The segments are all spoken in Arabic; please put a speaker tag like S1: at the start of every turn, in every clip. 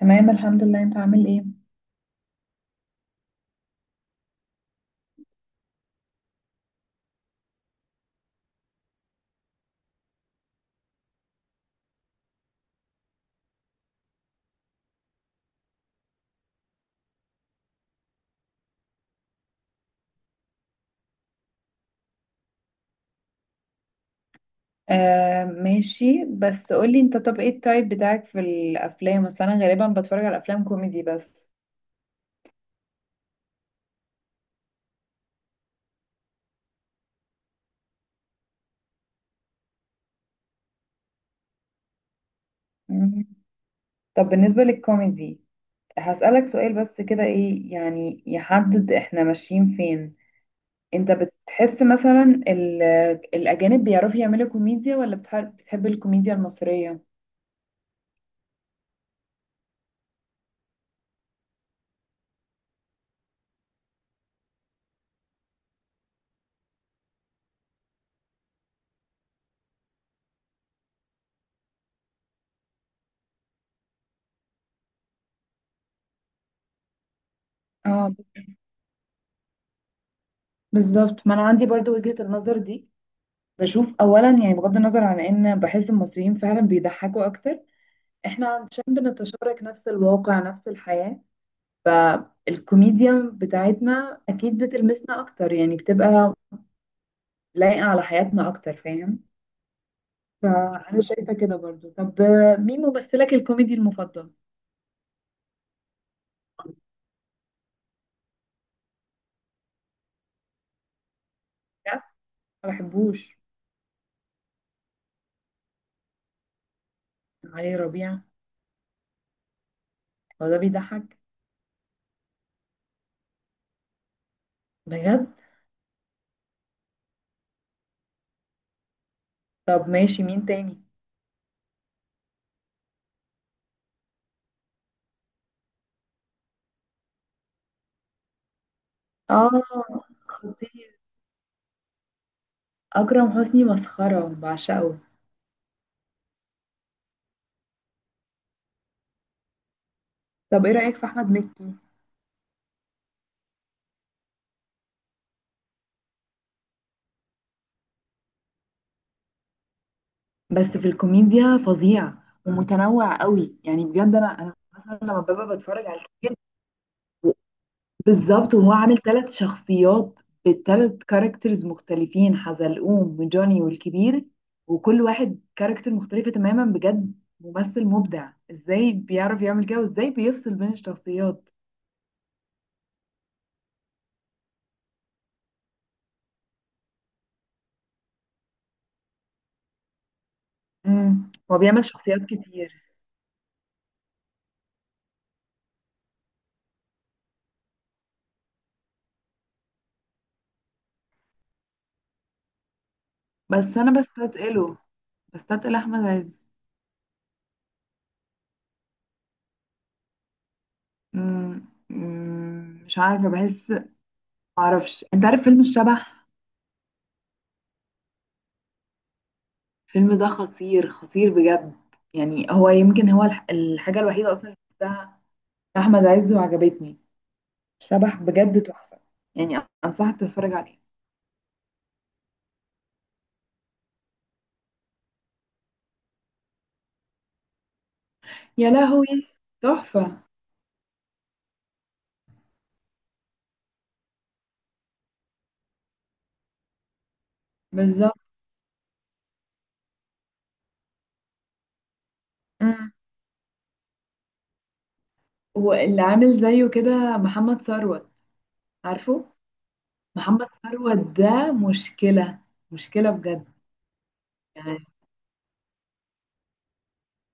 S1: تمام الحمد لله. انت عامل ايه؟ آه ماشي، بس قولي انت، طب ايه التايب بتاعك في الافلام؟ اصل انا غالبا بتفرج على افلام كوميدي بس. مم. طب بالنسبة للكوميدي، هسألك سؤال بس كده، ايه يعني يحدد احنا ماشيين فين؟ انت بتحس مثلا الاجانب بيعرفوا يعملوا كوميديا، ولا بتحب الكوميديا المصرية؟ اه بالظبط، ما انا عندي برضو وجهة النظر دي. بشوف اولا يعني، بغض النظر عن ان بحس المصريين فعلا بيضحكوا اكتر، احنا عشان بنتشارك نفس الواقع نفس الحياة، فالكوميديا بتاعتنا اكيد بتلمسنا اكتر، يعني بتبقى لايقة على حياتنا اكتر، فاهم؟ فانا شايفه كده برضو. طب مين ممثلك الكوميدي المفضل؟ بجد؟ ما بحبوش. علي ربيع؟ هو ده بيضحك؟ بجد؟ طب ماشي، مين تاني؟ اه خطير، اكرم حسني مسخره، بعشقه. طب ايه رايك في احمد مكي؟ بس في الكوميديا فظيع، ومتنوع قوي. يعني بجد انا مثلا لما ببقى بتفرج على الكوميديا. بالظبط، وهو عامل ثلاث شخصيات، بثلاث كاركترز مختلفين، حزلقوم وجوني والكبير. وكل واحد كاركتر مختلفة تماما، بجد ممثل مبدع. ازاي بيعرف يعمل كده، وازاي بيفصل بين الشخصيات؟ هو بيعمل شخصيات كتير. بس انا بستثقله، بستثقل احمد عز. امم أمم، مش عارفة، بحس، معرفش. انت عارف فيلم الشبح؟ الفيلم ده خطير، خطير بجد. يعني هو يمكن هو الحاجة الوحيدة اصلا أحمد عز وعجبتني. شبح بجد تحفة. يعني أنصحك تتفرج عليه. يا لهوي تحفة. بالظبط. امم واللي عامل زيه كده محمد ثروت. عارفه؟ محمد ثروت ده مشكلة، مشكلة بجد. يعني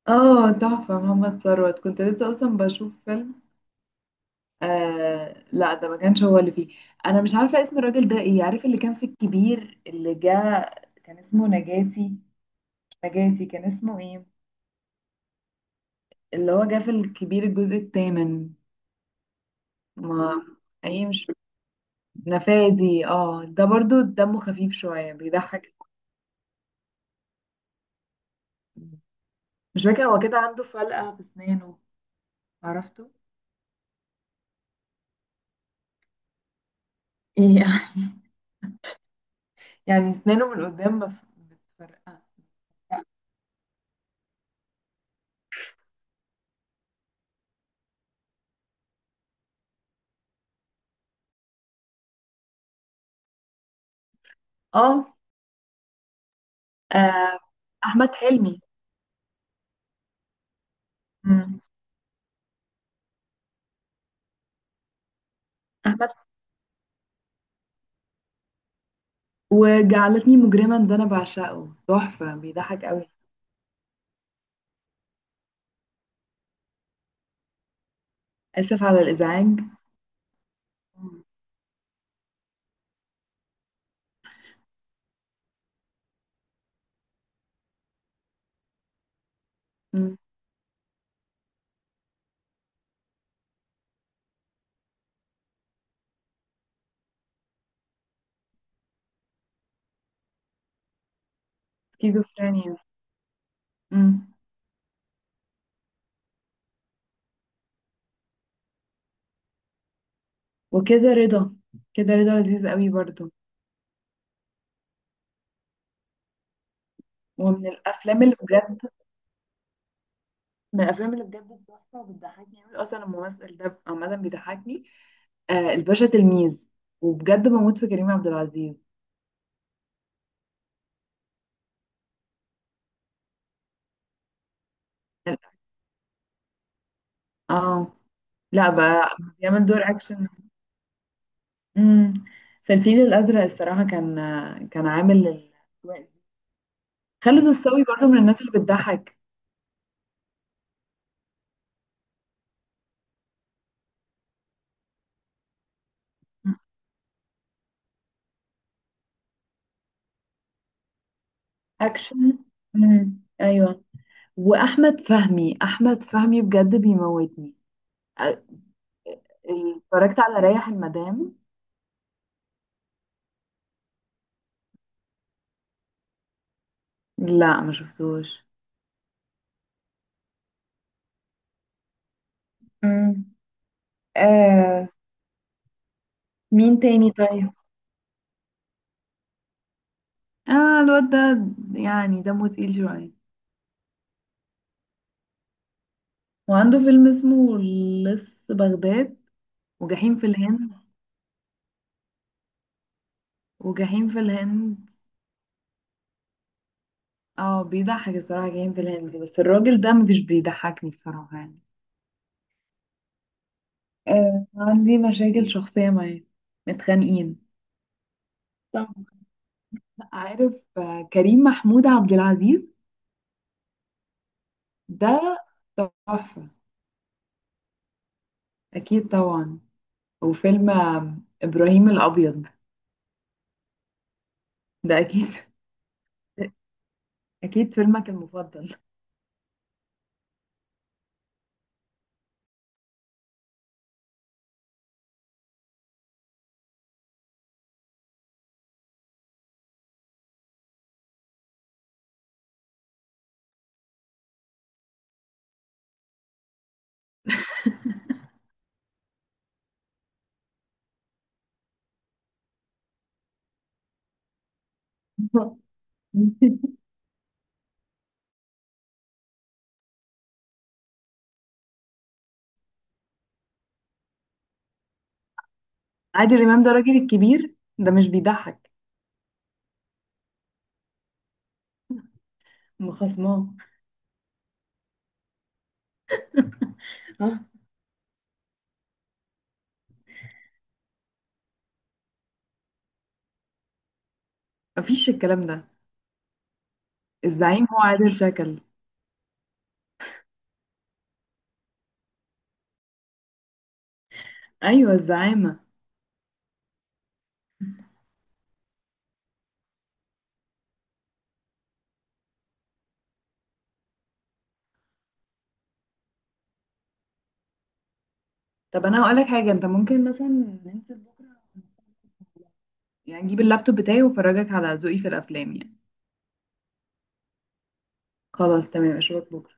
S1: اه تحفة، محمد ثروت، كنت لسه أصلا بشوف فيلم. آه لا، ده ما كانش هو اللي فيه. أنا مش عارفة اسم الراجل ده ايه، عارف اللي كان في الكبير اللي جه؟ كان اسمه نجاتي؟ مش نجاتي، كان اسمه ايه؟ اللي هو جاف الكبير الجزء الثامن. ما مم. ايه؟ مش نفادي؟ اه، ده برضو دمه خفيف شوية، بيضحك. مش فاكرة، هو كده عنده فلقة في اسنانه. عرفته. يعني يعني اسنانه من قدام متفرقة. اه. آه، احمد حلمي. مم. احمد وجعلتني مجرما، ده انا بعشقه، تحفة، بيضحك قوي. اسف على الازعاج. مم. مم. سكيزوفرينيا. مم. وكده رضا، كده رضا لذيذ قوي برضو. ومن الافلام اللي بجد، من الافلام اللي بجد تحفه، وبتضحكني قوي اصلا، الممثل ده عامه بيضحكني. آه الباشا تلميذ، وبجد بموت في كريم عبد العزيز. اه. لا بقى بيعمل دور اكشن. امم في الفيل الازرق الصراحه كان، كان عامل خالد الصاوي برضه من الناس اللي بتضحك. اكشن. ايوه. واحمد فهمي، احمد فهمي بجد بيموتني. أ- اتفرجت على ريح المدام؟ لا ما شفتوش. مم. آه مين تاني طيب؟ اه الواد ده يعني دمه تقيل شوية. وعنده فيلم اسمه لص بغداد. وجحيم في الهند. وجحيم في الهند. اه بيضحك الصراحة جحيم في الهند، بس الراجل ده مش بيضحكني الصراحة يعني. آه عندي مشاكل شخصية معاه، متخانقين. طب، عارف كريم محمود عبد العزيز؟ ده تحفة. أكيد طبعا. وفيلم إبراهيم الأبيض. ده أكيد. أكيد فيلمك المفضل. عادل إمام ده راجل الكبير، ده مش بيضحك. مخصماه. ها. مفيش الكلام ده. الزعيم هو عادل شكل. أيوه الزعامة. طب أنا هقولك حاجة، أنت ممكن مثلا ننزل بكرة، يعني أجيب اللابتوب بتاعي وأفرجك على ذوقي في الأفلام يعني. خلاص تمام، أشوفك بكرة.